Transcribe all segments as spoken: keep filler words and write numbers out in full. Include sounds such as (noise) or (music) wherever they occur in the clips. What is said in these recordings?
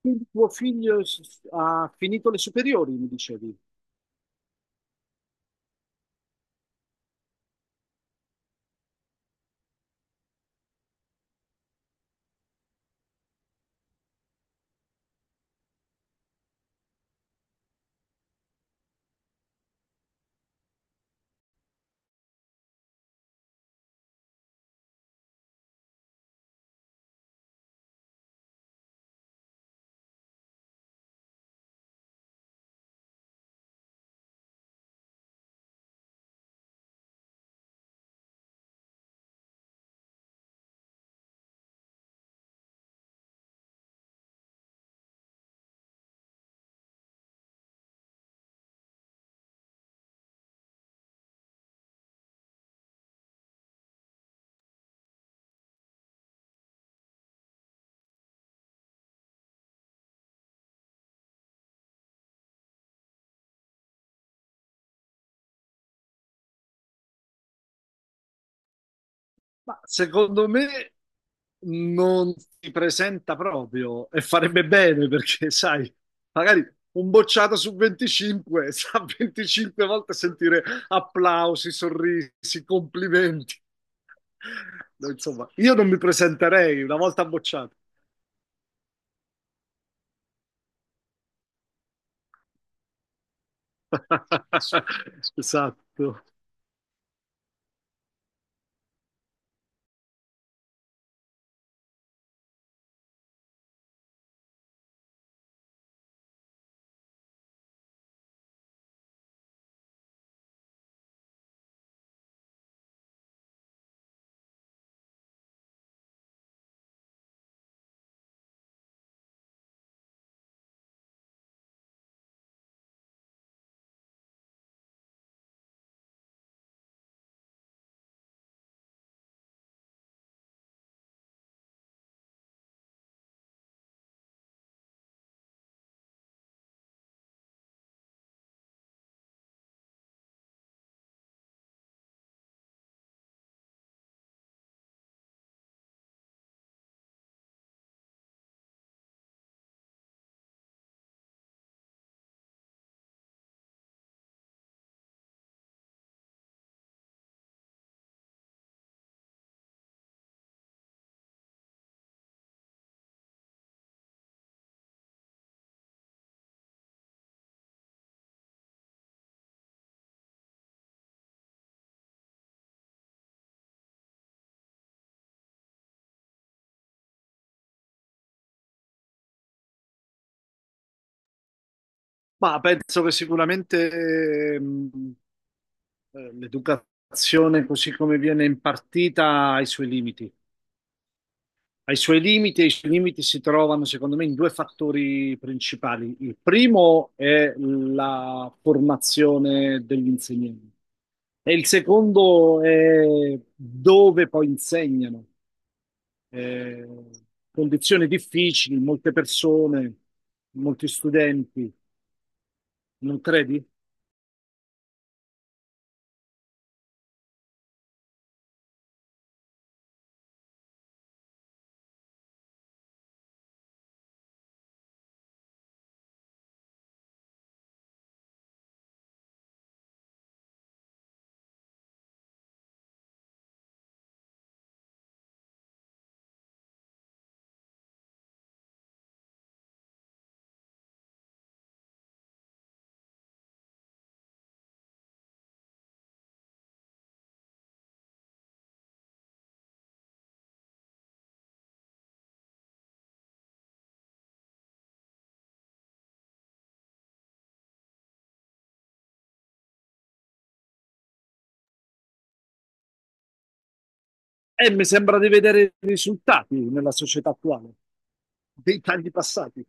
Quindi tuo figlio s- ha finito le superiori, mi dicevi. Ma secondo me non si presenta proprio e farebbe bene perché, (laughs) sai, magari un bocciato su venticinque (laughs) sa venticinque volte sentire applausi, sorrisi, complimenti. No, insomma, io non mi presenterei una volta bocciato. (laughs) Esatto. Ma penso che sicuramente ehm, eh, l'educazione così come viene impartita ha i suoi limiti. Ha i suoi limiti e i suoi limiti si trovano, secondo me, in due fattori principali. Il primo è la formazione degli insegnanti e il secondo è dove poi insegnano. Eh, condizioni difficili, molte persone, molti studenti, non credi? E mi sembra di vedere i risultati nella società attuale, dei tagli passati.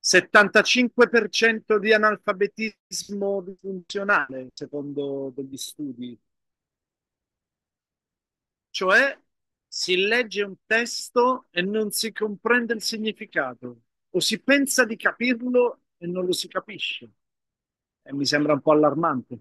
settantacinque per cento di analfabetismo funzionale, secondo degli studi, cioè si legge un testo e non si comprende il significato, o si pensa di capirlo e non lo si capisce. E mi sembra un po' allarmante.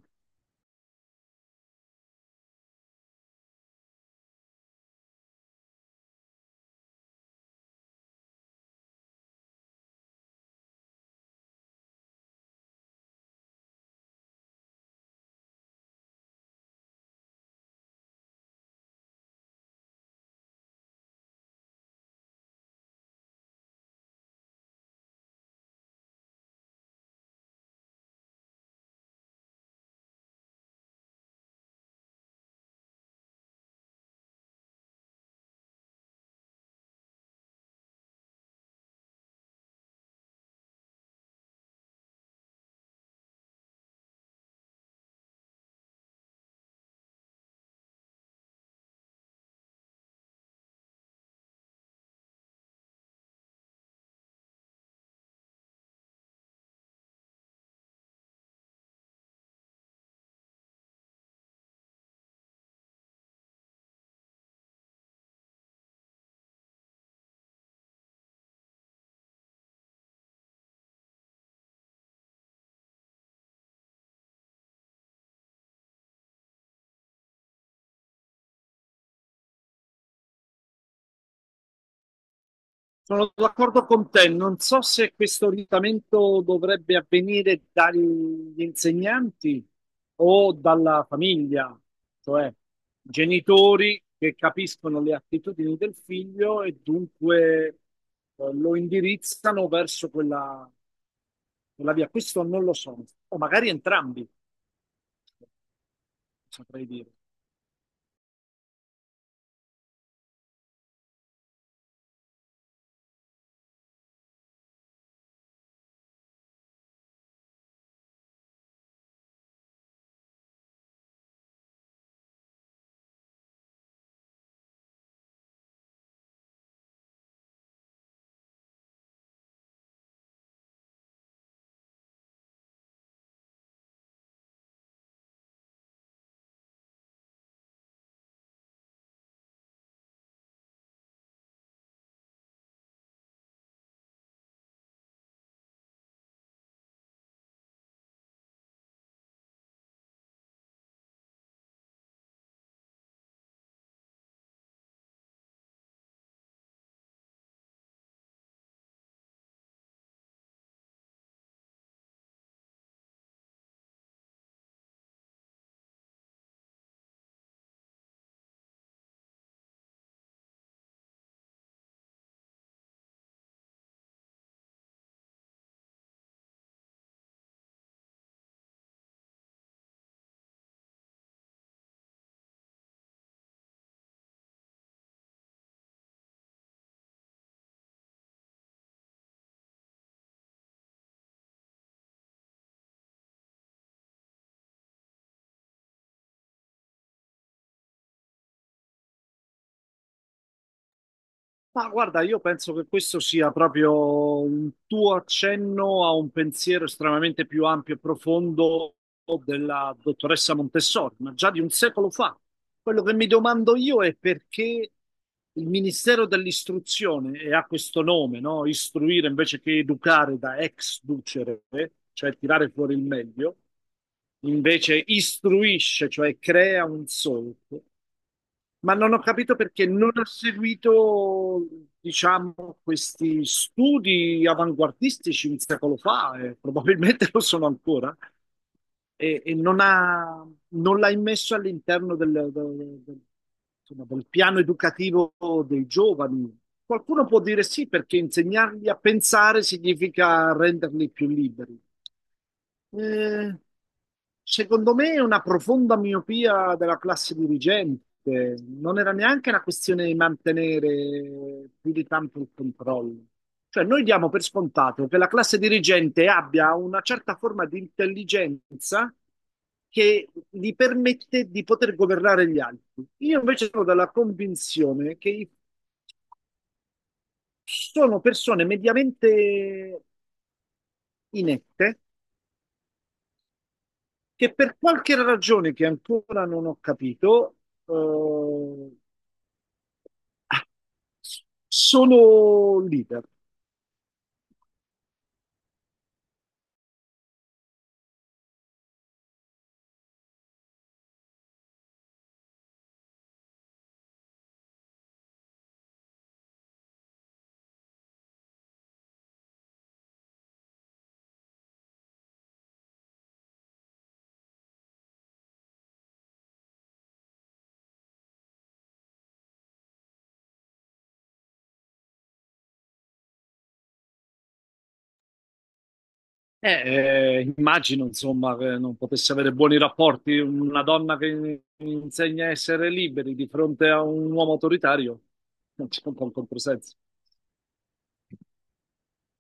Sono d'accordo con te, non so se questo orientamento dovrebbe avvenire dagli insegnanti o dalla famiglia, cioè genitori che capiscono le attitudini del figlio e dunque eh, lo indirizzano verso quella, quella via. Questo non lo so, o magari entrambi, saprei dire. Ma guarda, io penso che questo sia proprio un tuo accenno a un pensiero estremamente più ampio e profondo della dottoressa Montessori, ma già di un secolo fa. Quello che mi domando io è perché il Ministero dell'Istruzione, e ha questo nome, no? Istruire invece che educare da exducere, cioè tirare fuori il meglio, invece istruisce, cioè crea un solco. Ma non ho capito perché non ha seguito, diciamo, questi studi avanguardistici un secolo fa, e probabilmente lo sono ancora, e, e non ha, non l'ha immesso all'interno del, del- del- insomma, del piano educativo dei giovani. Qualcuno può dire sì, perché insegnargli a pensare significa renderli più liberi. Eh, Secondo me è una profonda miopia della classe dirigente. Non era neanche una questione di mantenere più di tanto il controllo. Cioè, noi diamo per scontato che la classe dirigente abbia una certa forma di intelligenza che gli permette di poter governare gli altri. Io invece sono della convinzione che sono persone mediamente inette che per qualche ragione che ancora non ho capito, eh, sono leader. Eh, eh, immagino, insomma, che non potesse avere buoni rapporti una donna che insegna a essere liberi di fronte a un uomo autoritario. Non c'è un po' un controsenso.